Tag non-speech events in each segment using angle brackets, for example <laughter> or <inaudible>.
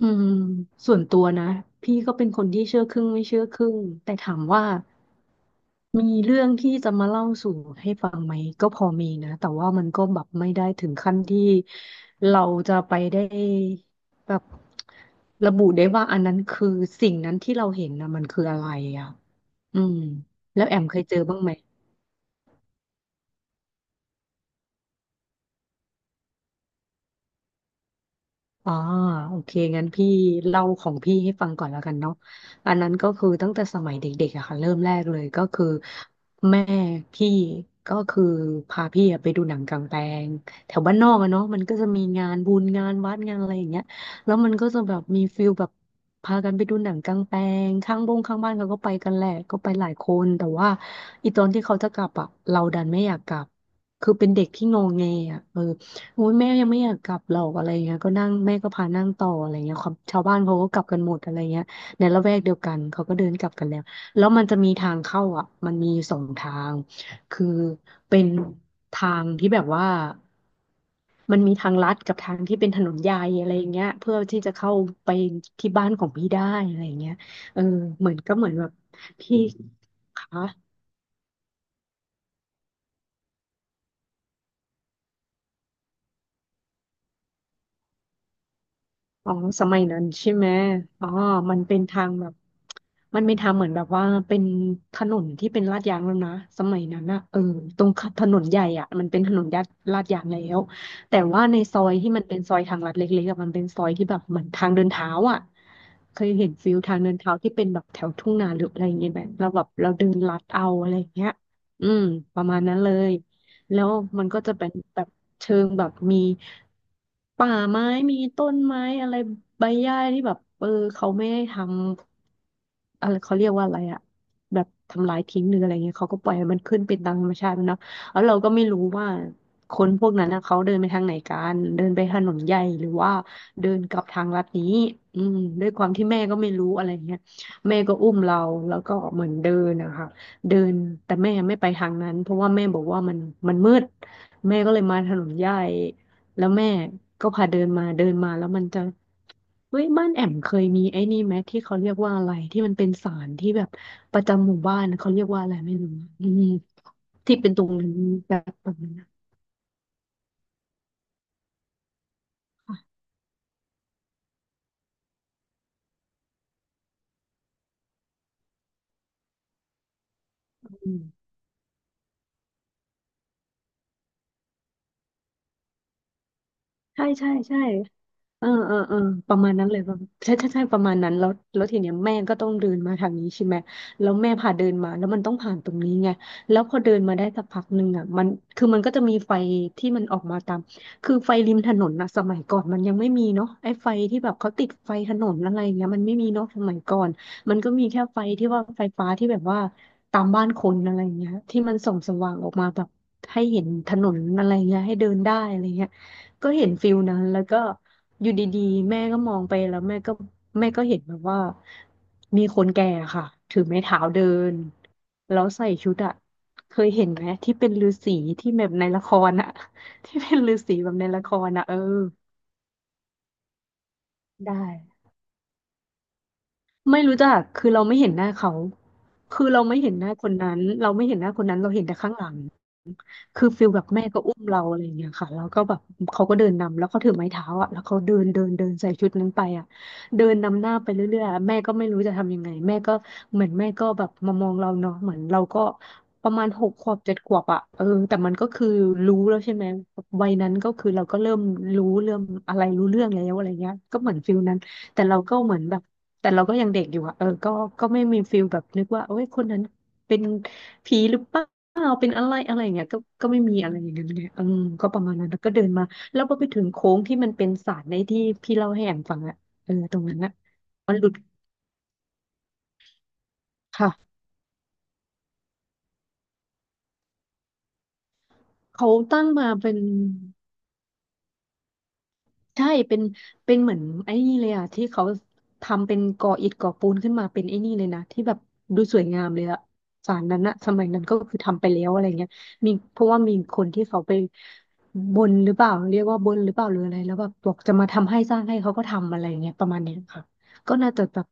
อืมส่วนตัวนะพี่ก็เป็นคนที่เชื่อครึ่งไม่เชื่อครึ่งแต่ถามว่ามีเรื่องที่จะมาเล่าสู่ให้ฟังไหมก็พอมีนะแต่ว่ามันก็แบบไม่ได้ถึงขั้นที่เราจะไปได้แบบระบุได้ว่าอันนั้นคือสิ่งนั้นที่เราเห็นนะมันคืออะไรอ่ะอืมแล้วแอมเคยเจอบ้างไหม อ๋อโอเคงั้นพี่เล่าของพี่ให้ฟังก่อนแล้วกันเนาะอันนั้นก็คือตั้งแต่สมัยเด็กๆอะค่ะเริ่มแรกเลยก็คือแม่พี่ก็คือพาพี่อะไปดูหนังกลางแปลงแถวบ้านนอกอะเนาะมันก็จะมีงานบุญงานวัดงานอะไรอย่างเงี้ยแล้วมันก็จะแบบมีฟิลแบบพากันไปดูหนังกลางแปลงข้างบงข้างบ้านเขาก็ไปกันแหละก็ไปหลายคนแต่ว่าอีตอนที่เขาจะกลับอะเราดันไม่อยากกลับคือเป็นเด็กที่งงเงอ่ะเออ โอ้ยแม่ยังไม่อยากกลับหรอกอะไรเงี้ยก็นั่งแม่ก็พานั่งต่ออะไรเงี้ยความชาวบ้านเขาก็กลับกันหมดอะไรเงี้ยในละแวกเดียวกันเขาก็เดินกลับกันแล้วแล้วมันจะมีทางเข้าอ่ะมันมีสองทางคือเป็นทางที่แบบว่ามันมีทางลัดกับทางที่เป็นถนนใหญ่อะไรอย่างเงี้ยเพื่อที่จะเข้าไปที่บ้านของพี่ได้อะไรอย่างเงี้ยเออเหมือนก็เหมือนแบบพี่คะ อ๋อ สมัยนั้นใช่ไหมอ๋อมันเป็นทางแบบมันเป็นทางเหมือนแบบว่าเป็นถนนที่เป็นลาดยางแล้วนะสมัยนั้นนะเออตรงถนนใหญ่อ่ะมันเป็นถนนลาดยางแล้วแต่ว่าในซอยที่มันเป็นซอยทางลัดเล็กๆอะมันเป็นซอยที่แบบเหมือนทางเดินเท้าอ่ะเคยเห็นฟิลทางเดินเท้าที่เป็นแบบแถวทุ่งนาหรืออะไรอย่างเงี้ยแบบเราแบบเราเดินลัดเอาอะไรอย่างเงี้ยอืมประมาณนั้นเลย แล้วมันก็จะเป็นแบบเชิงแบบมีป่าไม้มีต้นไม้อะไรใบหญ้าที่แบบเออเขาไม่ได้ทำอะไรเขาเรียกว่าอะไรอะแบบทำลายทิ้งหรืออะไรเงี้ยเขาก็ปล่อยให้มันขึ้นเป็นตามธรรมชาติมันเนาะแล้วเราก็ไม่รู้ว่าคนพวกนั้นนะเขาเดินไปทางไหนกันเดินไปถนนใหญ่หรือว่าเดินกลับทางลัดนี้อืมด้วยความที่แม่ก็ไม่รู้อะไรเงี้ยแม่ก็อุ้มเราแล้วก็เหมือนเดินนะคะ เดินแต่แม่ไม่ไปทางนั้นเพราะว่าแม่บอกว่ามันมืดแม่ก็เลยมาถนนใหญ่แล้วแม่ก็พาเดินมาเดินมาแล้วมันจะเฮ้ยบ้านแอมเคยมีไอ้นี่ไหมที่เขาเรียกว่าอะไรที่มันเป็นศาลที่แบบประจำหมู่บ้านเขาเรียกว่าอะไรไม่รู้อืมที่เป็นตรงนั้นแบบนั้นอืมใช่ใช่ใช่ เออเออเออประมาณนั้นเลยป่ะใช่ใช่ใช่ประมาณนั้นแล้วแล้วทีเนี้ยแม่ก็ต้องเดินมาทางนี้ใช่ไหมแล้วแม่พาเดินมาแล้วมันต้องผ่านตรงนี้ไงแล้วพอเดินมาได้สักพักหนึ่งอ่ะมันคือมันก็จะมีไฟที่มันออกมาตามคือไฟริมถนนนะสมัยก่อนมันยังไม่มีเนาะไอ้ไฟที่แบบเขาติดไฟถนนอะไรเงี้ยมันไม่มีเนาะสมัยก่อนมันก็มีแค่ไฟที่ว่าไฟฟ้าที่แบบว่าตามบ้านคนอะไรเงี้ยที่มันส่องสว่างออกมาแบบให้เห็นถนนอะไรเงี้ยให้เดินได้อะไรเงี้ย ก็เห็นฟิลนั้น แล้วก็อยู่ดีๆแม่ก็มองไปแล้วแม่ก็เห็นแบบว่ามีคนแก่ค่ะถือไม้เท้าเดินแล้วใส่ชุดอะเคยเห็นไหมที่เป็นฤาษีที่แบบในละครอะ <laughs> ที่เป็นฤาษีแบบในละครอะเออได้ ไม่รู้จัก คือเราไม่เห็นหน้าเขา คือเราไม่เห็นหน้าคนนั้น เราไม่เห็นหน้าคนนั้น เราเห็นแต่ข้างหลังคือฟิลแบบแม่ก็อุ้มเราอะไรอย่างเงี้ยค่ะแล้วก็แบบเขาก็เดินนำแล้วเขาถือไม้เท้าอ่ะแล้วเขาเดินเดินเดินใส่ชุดนั้นไปอ่ะเดินนำหน้าไปเรื่อยๆอะแม่ก็ไม่รู้จะทำยังไงแม่ก็เหมือนแม่ก็แบบมามองเราเนาะเหมือนเราก็ประมาณหกขวบเจ็ดขวบอ่ะเออแต่มันก็คือรู้แล้วใช่ไหมวัยนั้นก็คือเราก็เริ่มรู้เริ่มอะไรรู้เรื่องแล้วอะไรเงี้ยก็เหมือนฟิลนั้นแต่เราก็เหมือนแบบ แต่เราก็ยังเด็กอยู่อะเออก็ก็ไม่มีฟิลแบบนึกว่าโอ้ยคนนั้นเป็นผีหรือเปล่าเป็นอะไรอะไรอย่างเงี้ยก็ก็ไม่มีอะไรอย่างเงี้ยเนี่ยอืมก็ประมาณนั้นแล้วก็เดินมา แล้วพอไปถึงโค้งที่มันเป็นศาลในที่พี่เล่าให้แอมฟังอะตรงนั้นอะมันหลุดค่ะ เขาตั้งมาเป็น ใช่เป็นเป็นเหมือนไอ้นี่เลยอ่ะที่เขาทำเป็นก่ออิฐก่อปูนขึ้นมาเป็นไอ้นี่เลยนะที่แบบดูสวยงามเลยอะศาลนั้นอะสมัยนั้นก็คือทำไปแล้วอะไรเงี้ยมีเพราะว่ามีคนที่เขาไปบนหรือเปล่าเรียกว่าบนหรือเปล่าหรืออะไรแล้วแบบบอกจะมาทำให้สร้างให้เขาก็ทำอะไรเงี้ยประมาณเนี้ยค่ะก็น่าจะแบบ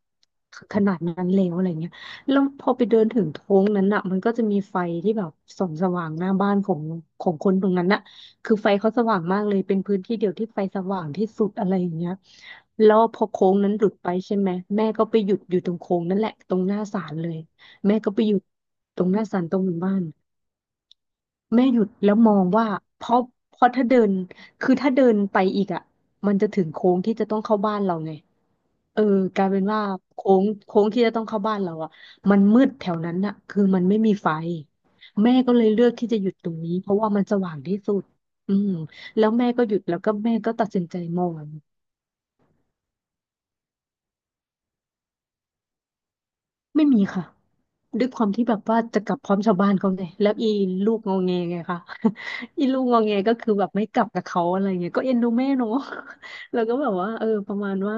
ขนาดนั้นแล้วอะไรเงี้ยแล้วพอไปเดินถึงโค้งนั้นอะมันก็จะมีไฟที่แบบส่องสว่างหน้าบ้านของคนตรงนั้นอะ คือไฟเขาสว่างมากเลยเป็นพื้นที่เดียวที่ไฟสว่างที่สุดอะไรอย่างเงี้ยแล้วพอโค้งนั้นหลุดไปใช่ไหมแม่ก็ไปหยุดอยู่ตรงโค้งนั่นแหละตรงหน้าศาลเลยแม่ก็ไปหยุดตรงหน้าศาลตรงหมู่บ้าน แม่หยุดแล้วมองว่าเพราะถ้าเดินคือถ้าเดินไปอีกอ่ะมันจะถึงโค้งที่จะต้องเข้าบ้านเราไงเออกลายเป็นว่าโค้งที่จะต้องเข้าบ้านเราอ่ะมันมืดแถวนั้นอ่ะคือมันไม่มีไฟแม่ก็เลยเลือกที่จะหยุดตรงนี้เพราะว่ามันสว่างที่สุดอืมแล้วแม่ก็หยุดแล้วก็แม่ก็ตัดสินใจมองไม่มีค่ะ ด้วยความที่แบบว่าจะกลับพร้อมชาวบ้านเขาไงแล้วอีลูกงอแงไงคะ <laughs> อีลูกงอแงก็คือแบบไม่กลับกับเขาอะไรเงี้ยก็เอ็นดูแม่เนาะ <laughs> แล้วก็แบบว่าเออประมาณว่า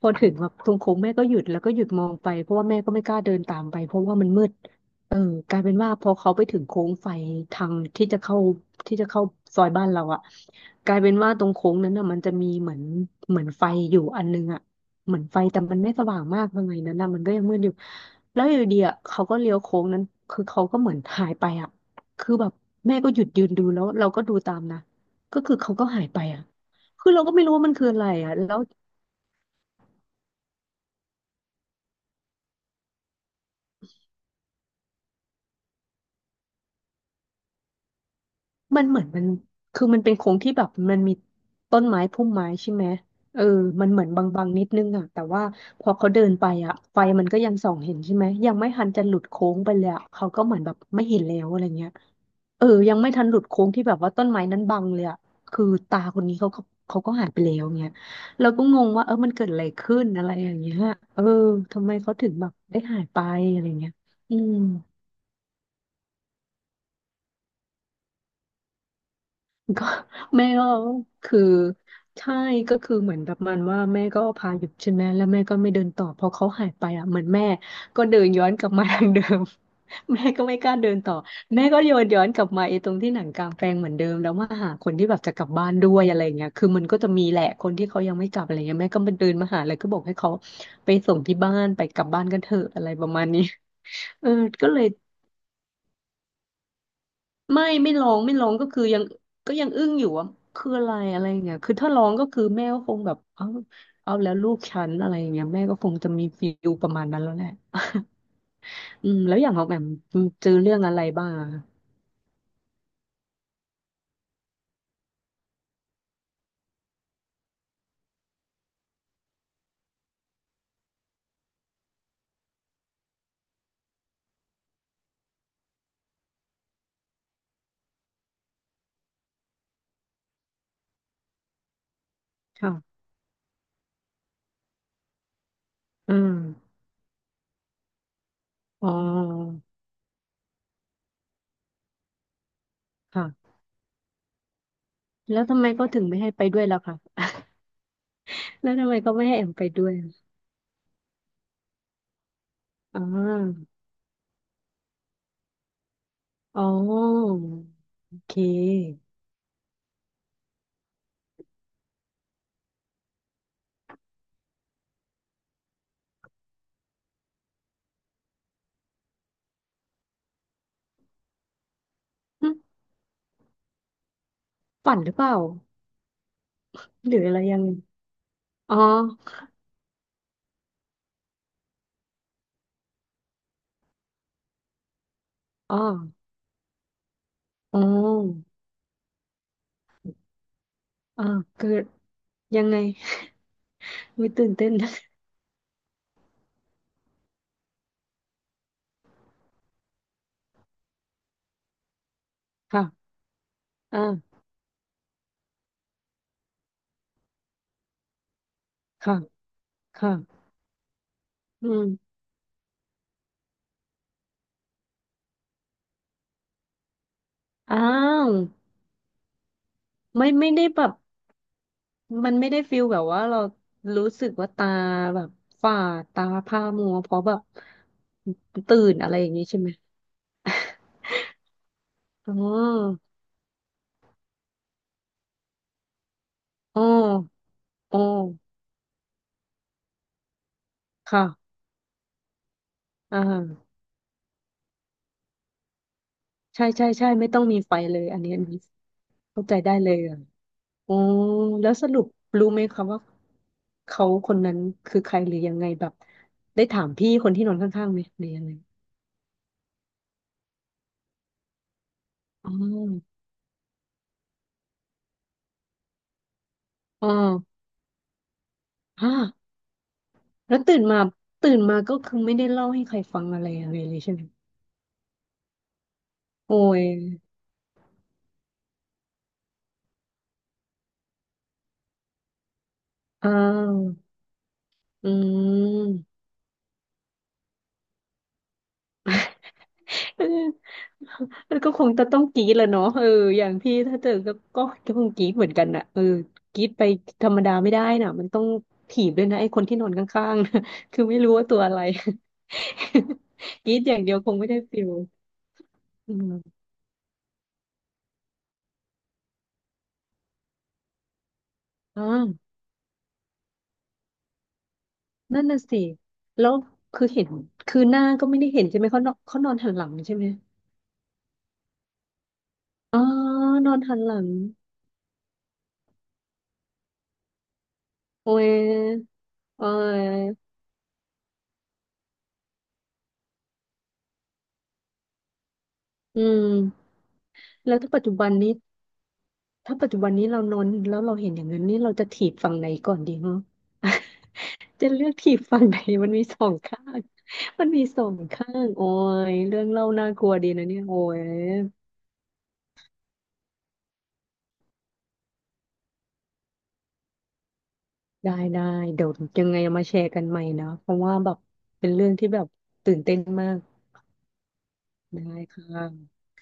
พอถึงแบบตรงโค้งแม่ก็หยุดแล้วก็หยุดมองไปเพราะว่าแม่ก็ไม่กล้าเดินตามไปเพราะว่ามันมืด เออกลายเป็นว่าพอเขาไปถึงโค้งไฟทางที่จะเข้าที่จะเข้าซอยบ้านเราอะกลายเป็นว่าตรงโค้งนั้นอ่ะมันจะมีเหมือนไฟอยู่อันนึงอะเหมือนไฟแต่มันไม่สว่างมากยังไงนั้นนะมันก็ยังมืดอยู่แล้วอยู่ดีอะเขาก็เลี้ยวโค้งนั้นคือเขาก็เหมือนหายไปอะคือแบบแม่ก็หยุดยืนดูแล้วเราก็ดูตามนะก็คือเขาก็หายไปอะคือเราก็ไม่รู้ว่ามันคืออะไรอะแล้ว มันเหมือนมันคือมันเป็นโค้งที่แบบมันมีต้นไม้พุ่มไม้ใช่ไหมเออมันเหมือนบางๆนิดนึงอ่ะแต่ว่าพอเขาเดินไปอ่ะไฟมันก็ยังส่องเห็นใช่ไหมยังไม่ทันจะหลุดโค้งไปเลยอะเขาก็เหมือนแบบไม่เห็นแล้วอะไรเงี้ยเออยังไม่ทันหลุดโค้งที่แบบว่าต้นไม้นั้นบังเลยอ่ะคือตาคนนี้เขาก็หายไปแล้วเงี้ยเราก็งงว่าเออมันเกิดอะไรขึ้นอะไรอย่างเงี้ยเออทำไมเขาถึงแบบได้หายไปอะไรเงี้ยอืม ก็ <laughs> แม่ก็คือใช่ก็คือเหมือนแบบมันว่าแม่ก็พาหยุดใช่ไหมแล้วแม่ก็ไม่เดินต่อพอเขาหายไปอ่ะเหมือนแม่ก็เดินย้อนกลับมาทางเดิม <laughs> แม่ก็ไม่กล้าเดินต่อแม่ก็โยนย้อนกลับมาไอ้ตรงที่หนังกลางแปลงเหมือนเดิมแล้วมาหาคนที่แบบจะกลับบ้านด้วยอะไรเงี้ยคือมันก็จะมีแหละคนที่เขายังไม่กลับอะไรเงี้ยแม่ก็มาเดินมาหาเลยก็บอกให้เขาไปส่งที่บ้านไปกลับบ้านกันเถอะอะไรประมาณนี้ <laughs> เออก็เลย ไม่ไม่ร้องก็คือยังก็ยังอึ้งอยู่ว่าคืออะไรอะไรอย่างเงี้ยคือถ้าร้องก็คือแม่ก็คงแบบเอาแล้วลูกฉันอะไรอย่างเงี้ยแม่ก็คงจะมีฟีลประมาณนั้นแล้วแหละอืมแล้วอย่างของแอมเจอเรื่องอะไรบ้างอะค่ะอืมอ๋อค่ะแล้วทำไมก็ถึงไม่ให้ไปด้วยล่ะคะ <laughs> แล้วทำไมก็ไม่ให้แอมไปด้วยอ่าอ๋อโอเคหึฝันหรือเปล่าหรืออะไรยังไงอ๋ออ๋ออ๋ออ่าคือยังไง โอ้ยตื่นเต้นนะค่ะอ่าค่ะค่ะอืมอ้าวไม่ได้แบบมันไม่ได้ฟิลแบบว่าเรารู้สึกว่าตาแบบฝ่าตาผ้ามัวเพราะแบบตื่นอะไรอย่างนี้ใช่ไหม <laughs> อ๋ออ๋ออ๋อค่ะอ่าใช่ใช่ใช่ ไม่ต้องมีไฟเลยอันนี้เข้าใจได้เลยอ่ะอ๋อแล้วสรุปรู้ไหมคะว่าเขาคนนั้นคือใครหรือยังไงแบบได้ถามพี่คนที่นอนข้างๆไหมหรือยังไง อ๋ออ๋อฮะแล้วตื่นมาก็คือไม่ได้เล่าให้ใครฟังอะไรอะไรเลยใช่ไหมโอ้ยอ้าวอืม <laughs> เออแล้วก็คงจะต้องกรี๊ดแหละเนาะเอออย่างพี่ถ้าเจอก็คงกรี๊ดเหมือนกันน่ะเออกรี๊ดไปธรรมดาไม่ได้น่ะมันต้องถีบด้วยนะไอ้คนที่นอนข้างๆนะ <laughs> คือไม่รู้ว่าตัวอะไร <laughs> กรี๊ดอย่างเดียวคงไม่ได้ฟิลอืมอ่า นั่นน่ะสิแล้วคือเห็นคือหน้าก็ไม่ได้เห็นใช่ไหมเขานอนหันหลังใช่ไหมอ๋อนอนหันหลัง โอ้ยโอ้ยอืมแล้วถ้าปัจจุบันนี้เรานอนแล้วเราเห็นอย่างนั้นนี่เราจะถีบฝั่งไหนก่อนดีเนาะ <laughs> จะเลือกถีบฝั่งไหน มันมีสองข้าง <laughs> มันมีสองข้างโอ้ยเรื่องเล่าน่ากลัวดีนะเนี่ยโอ้ยได้ได้ เดี๋ยวยังไงเอามาแชร์กันใหม่นะเพราะว่าแบบเป็นเรื่องที่แบบตื่นเต้นมากได้ค่ะ